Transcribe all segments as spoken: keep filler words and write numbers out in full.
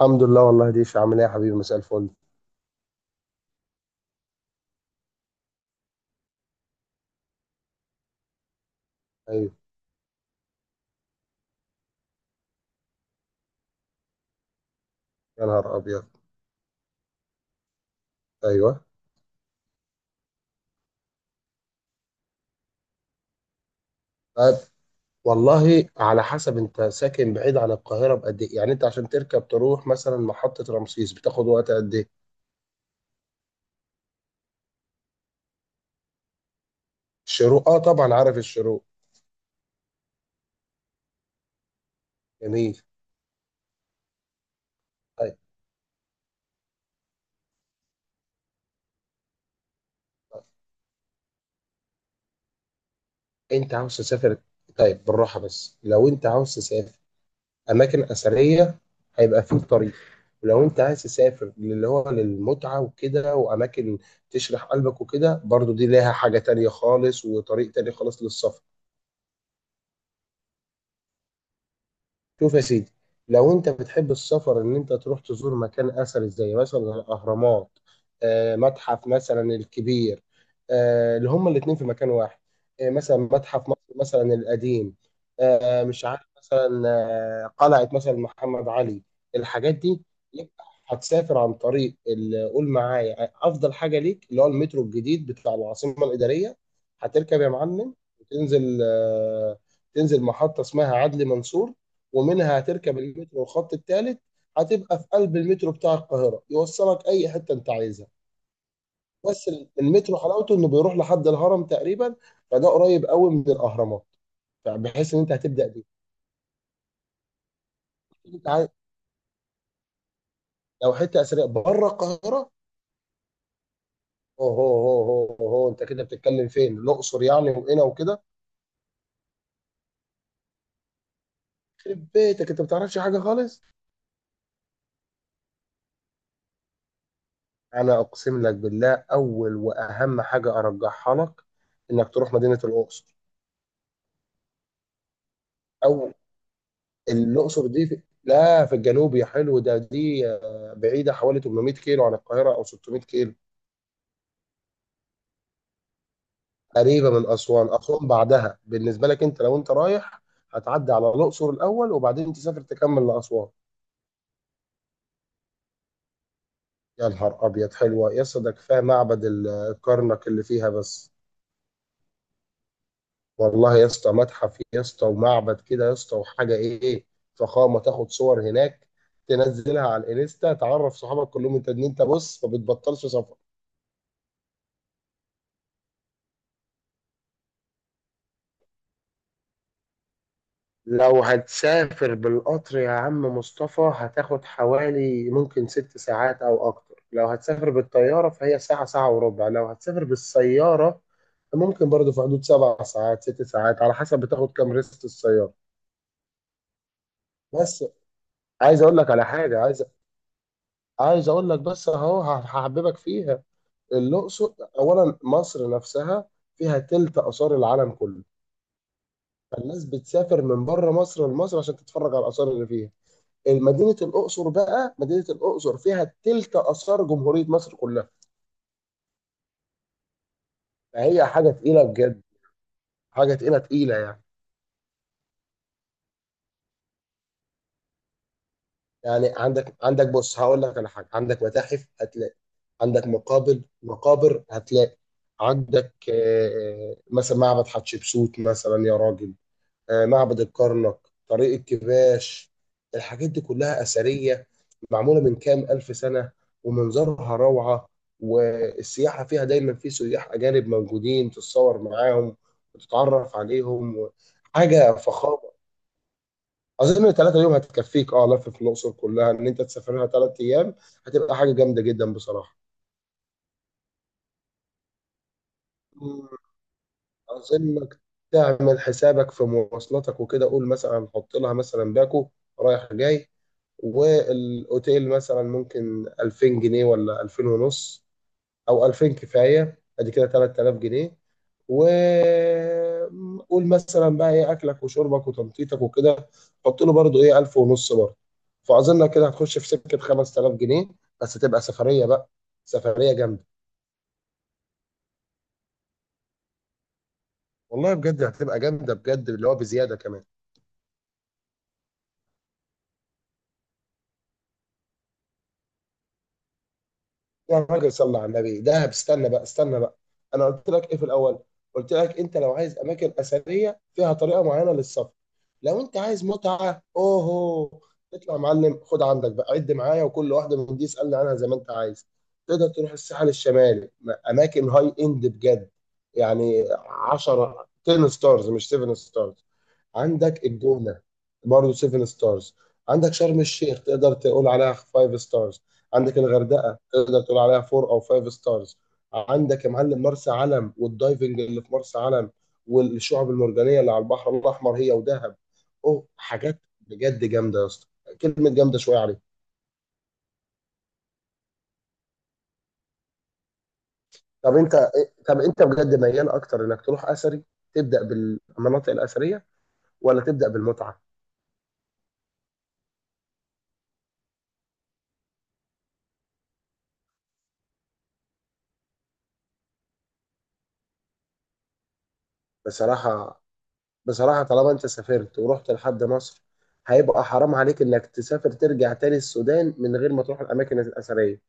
الحمد لله. والله ديش عامل ايه يا حبيبي، مساء الفل. ايوه. يا نهار ابيض. ايوه، طيب. والله على حسب انت ساكن بعيد عن القاهره بقد ايه، يعني انت عشان تركب تروح مثلا محطه رمسيس بتاخد وقت قد ايه؟ الشروق، اه طبعا عارف الشروق. جميل. طيب. طيب. انت عاوز تسافر؟ طيب، بالراحه، بس لو انت عاوز تسافر اماكن اثريه هيبقى فيه طريق، ولو انت عايز تسافر اللي هو للمتعه وكده واماكن تشرح قلبك وكده برضو، دي ليها حاجه تانية خالص وطريق تاني خالص للسفر. شوف يا سيدي، لو انت بتحب السفر ان انت تروح تزور مكان اثري زي مثلا الاهرامات، آه، متحف مثلا الكبير، آه، اللي هما الاتنين في مكان واحد، آه، مثلا متحف مصر مثلا القديم، آه، مش عارف مثلا، آه، قلعة مثلا محمد علي، الحاجات دي، يبقى هتسافر عن طريق ال- قول معايا افضل حاجة ليك اللي هو المترو الجديد بتاع العاصمة الإدارية. هتركب يا معلم وتنزل، آه، تنزل محطة اسمها عدلي منصور، ومنها هتركب المترو الخط الثالث. هتبقى في قلب المترو بتاع القاهرة، يوصلك أي حتة أنت عايزها بس. المترو حلاوته إنه بيروح لحد الهرم تقريبا، فده قريب قوي من الأهرامات، فبحيث إن أنت هتبدأ بيه. أنت عايز- لو حتة أثرية بره القاهرة، أوه هو هو هو أنت كده بتتكلم فين؟ الأقصر يعني وهنا وكده؟ يخرب بيتك، أنت ما بتعرفش حاجة خالص. أنا أقسم لك بالله، أول وأهم حاجة أرجحها لك إنك تروح مدينة الأقصر. أو الأقصر دي في... لا، في الجنوب يا حلو، ده دي آه، بعيدة حوالي ثمانمائة كيلو عن القاهرة أو ستمية كيلو. قريبة من أسوان. أسوان بعدها بالنسبة لك أنت، لو أنت رايح هتعدي على الأقصر الأول وبعدين تسافر تكمل لأسوان. يا نهار أبيض، حلوة يا اسطى، ده كفاية معبد ال- الكرنك اللي فيها بس. والله يا اسطى، متحف يا اسطى ومعبد كده يا اسطى، وحاجة إيه، فخامة. تاخد صور هناك تنزلها على الانستا تعرف صحابك كلهم انت، ان انت بص ما بتبطلش سفر. لو هتسافر بالقطر يا عم مصطفى هتاخد حوالي ممكن ست ساعات أو أكتر، لو هتسافر بالطيارة فهي ساعة، ساعة وربع، لو هتسافر بالسيارة ممكن برضه في حدود سبع ساعات، ست ساعات، على حسب بتاخد كام ريست السيارة. بس عايز أقول لك على حاجة، عايز عايز أقول لك بس أهو هحببك فيها. الأقصر، أولا مصر نفسها فيها تلت آثار العالم كله، فالناس بتسافر من بره مصر لمصر عشان تتفرج على الآثار اللي فيها. مدينه الاقصر بقى، مدينه الاقصر فيها تلت اثار جمهوريه مصر كلها، فهي حاجه تقيله بجد. حاجه تقيله تقيله يعني. يعني عندك عندك بص هقول لك على حاجه، عندك متاحف هتلاقي، عندك مقابر مقابر هتلاقي، عندك آه، آه، مثلا معبد حتشبسوت مثلا يا راجل، آه، معبد الكرنك، طريق الكباش، الحاجات دي كلها أثرية معمولة من كام ألف سنة، ومنظرها روعة. والسياحة فيها دايما في سياح أجانب موجودين تتصور معاهم وتتعرف عليهم و- حاجة فخامة. أظن ثلاثة يوم هتكفيك، أه لف في الأقصر كلها، إن أنت تسافرها ثلاث أيام هتبقى حاجة جامدة جدا بصراحة. مم. أظنك تعمل حسابك في مواصلاتك وكده، قول مثلا حط لها مثلا باكو رايح جاي، والاوتيل مثلا ممكن ألفين جنيه ولا ألفين ونص، او ألفين كفايه، ادي كده ثلاثة آلاف جنيه، و قول مثلا بقى ايه اكلك وشربك وتنطيطك وكده، حط له برضه ايه ألف ونص برضه. فاظن كده هتخش في سكه خمس تلاف جنيه، بس تبقى سفريه بقى، سفريه جامده. والله بجد هتبقى جامده بجد، اللي هو بزياده كمان. يا راجل، صلى على النبي دهب، استنى بقى استنى بقى، انا قلت لك ايه في الاول؟ قلت لك انت لو عايز اماكن اثريه فيها طريقه معينه للسفر، لو انت عايز متعه اوهو، اطلع يا معلم خد عندك بقى، عد معايا وكل واحده من دي اسالني عنها زي ما انت عايز. تقدر تروح الساحل الشمالي، م- اماكن هاي اند بجد، يعني عشرة عشرة ستارز مش سبعة ستارز. عندك الجونة برضه سبعة ستارز. عندك شرم الشيخ تقدر تقول عليها خمسة ستارز. عندك الغردقة تقدر تقول عليها أربع أو خمس ستارز. عندك يا معلم مرسى علم والدايفنج اللي في مرسى علم، والشعب المرجانية اللي على البحر الأحمر هي ودهب، أوه حاجات بجد جامدة يا اسطى. كلمة جامدة شوية عليك. طب أنت طب أنت بجد ميال أكتر إنك تروح أثري تبدأ بالمناطق الأثرية ولا تبدأ بالمتعة؟ بصراحة بصراحة طالما انت سافرت ورحت لحد مصر، هيبقى حرام عليك انك تسافر ترجع تاني السودان من غير ما تروح الاماكن الاثرية.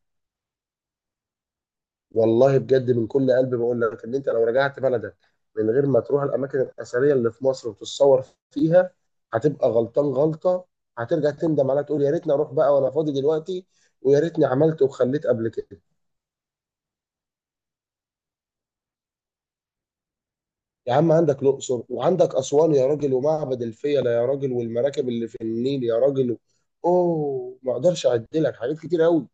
والله بجد من كل قلبي بقول لك ان انت لو رجعت بلدك من غير ما تروح الاماكن الاثرية اللي في مصر وتتصور فيها، هتبقى غلطان غلطة. هترجع تندم عليها تقول يا ريتني اروح بقى وانا فاضي دلوقتي، ويا ريتني عملت وخليت قبل كده. يا عم عندك الاقصر وعندك اسوان يا راجل، ومعبد الفيلة يا راجل، والمراكب اللي في النيل يا راجل، اوه ما اقدرش اعد لك حاجات كتير قوي.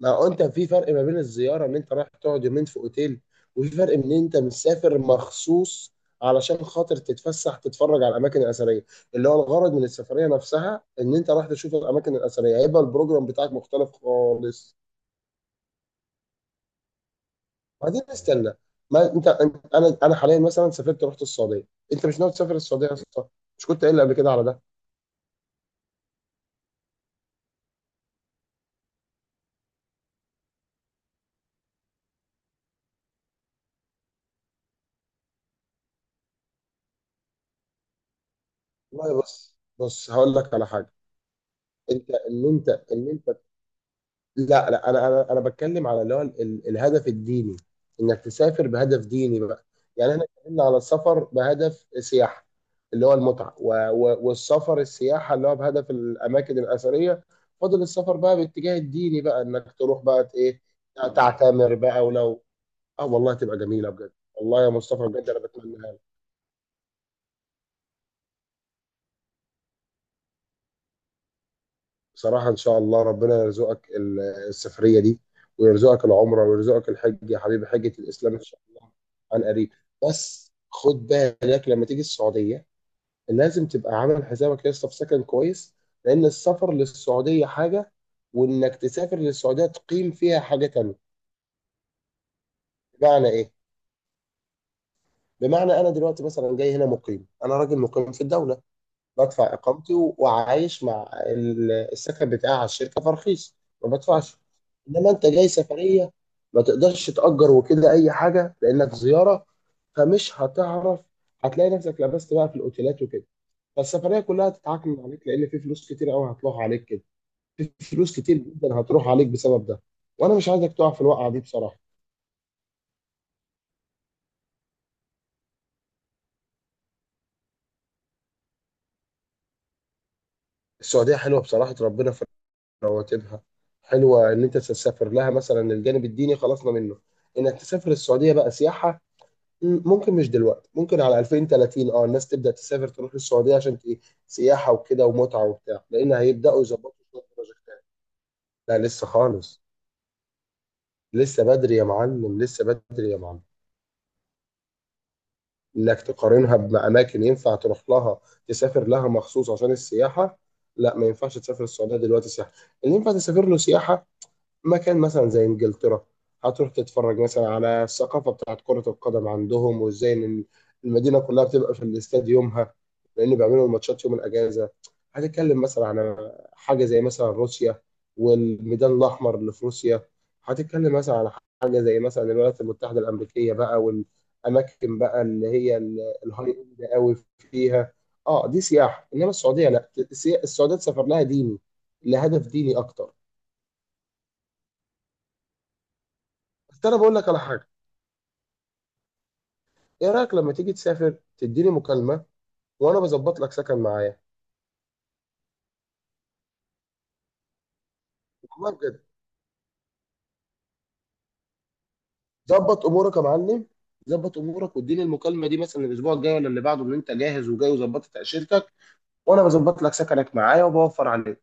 ما هو انت، في فرق ما بين الزياره ان انت رايح تقعد يومين في اوتيل، وفي فرق ان انت مسافر مخصوص علشان خاطر تتفسح تتفرج على الاماكن الاثريه، اللي هو الغرض من السفريه نفسها. ان انت رايح تشوف الاماكن الاثريه، هيبقى البروجرام بتاعك مختلف خالص. بعدين استنى، ما انت انت- انا انا حاليا مثلا سافرت رحت السعوديه. انت مش ناوي تسافر السعوديه يا اسطى؟ مش كنت قايل لي قبل كده على ده؟ والله بص بص هقول لك على حاجه، انت ان انت ان انت لا لا، انا انا انا بتكلم على اللي هو ال- ال- الهدف الديني، انك تسافر بهدف ديني بقى. يعني احنا اتكلمنا على السفر بهدف سياحه، اللي هو المتعه، و و والسفر السياحه اللي هو بهدف الاماكن الاثريه. فاضل السفر بقى باتجاه الديني بقى، انك تروح بقى ت- ايه، تعتمر بقى ولو. اه والله، تبقى جميله بجد والله يا مصطفى، بجد انا بتمنى بصراحة إن شاء الله ربنا يرزقك ال- السفرية دي، ويرزقك العمرة ويرزقك الحج يا حبيبي، حجة الإسلام إن شاء الله، عن قريب. بس خد بالك لما تيجي السعودية لازم تبقى عامل حسابك يا اسطى في سكن كويس، لأن السفر للسعودية حاجة، وإنك تسافر للسعودية تقيم فيها حاجة تانية. بمعنى إيه؟ بمعنى أنا دلوقتي مثلا جاي هنا مقيم، أنا راجل مقيم في الدولة، بدفع إقامتي، و- وعايش مع ال- السكن بتاعي على الشركة، فرخيص، ما بدفعش. إنما أنت جاي سفرية، ما تقدرش تأجر وكده أي حاجة لأنك زيارة، فمش هتعرف. هتلاقي نفسك لبست بقى في الأوتيلات وكده، فالسفرية كلها هتتعكم عليك، لأن في فلوس كتير أوي هتروح عليك كده، في فلوس كتير جدا هتروح عليك بسبب ده، وأنا مش عايزك تقع في الوقعة دي بصراحة. السعودية حلوة بصراحة، ربنا، رواتبها حلوه ان انت تسافر لها مثلا. الجانب الديني خلصنا منه، انك تسافر السعوديه بقى سياحه، م- ممكن مش دلوقتي، ممكن على ألفين وتلاتين، اه الناس تبدا تسافر تروح للسعوديه عشان ت- سياحه وكده ومتعه وبتاع، لان هيبداوا يظبطوا شويه بروجكتات. لا لسه خالص، لسه بدري يا معلم، لسه بدري يا معلم، انك تقارنها باماكن ينفع تروح لها، تسافر لها مخصوص عشان السياحه. لا ما ينفعش تسافر السعوديه دلوقتي سياحه، اللي ينفع تسافر له سياحه مكان مثلا زي انجلترا. هتروح تتفرج مثلا على الثقافه بتاعت كره القدم عندهم، وازاي ان المدينه كلها بتبقى في الاستاد يومها، لان بيعملوا الماتشات يوم الاجازه. هتتكلم مثلا على حاجه زي مثلا روسيا، والميدان الاحمر اللي في روسيا. هتتكلم مثلا على حاجه زي مثلا الولايات المتحده الامريكيه بقى، والاماكن بقى اللي هي ال- الهاي اند قوي فيها. اه دي سياحه، انما السعوديه لا، السي- السعوديه سافر لها ديني، لهدف ديني اكتر. بس انا بقول لك على حاجه، ايه رايك لما تيجي تسافر تديني مكالمه وانا بظبط لك سكن معايا؟ والله بجد، ظبط امورك يا معلم، ظبط امورك واديني المكالمه دي مثلا الاسبوع الجاي ولا اللي بعده، ان انت جاهز وجاي وظبطت تاشيرتك، وانا بظبط لك سكنك معايا وبوفر عليك.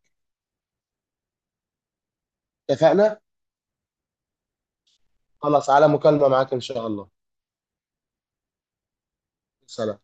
اتفقنا. خلاص، على مكالمه معاك ان شاء الله. سلام.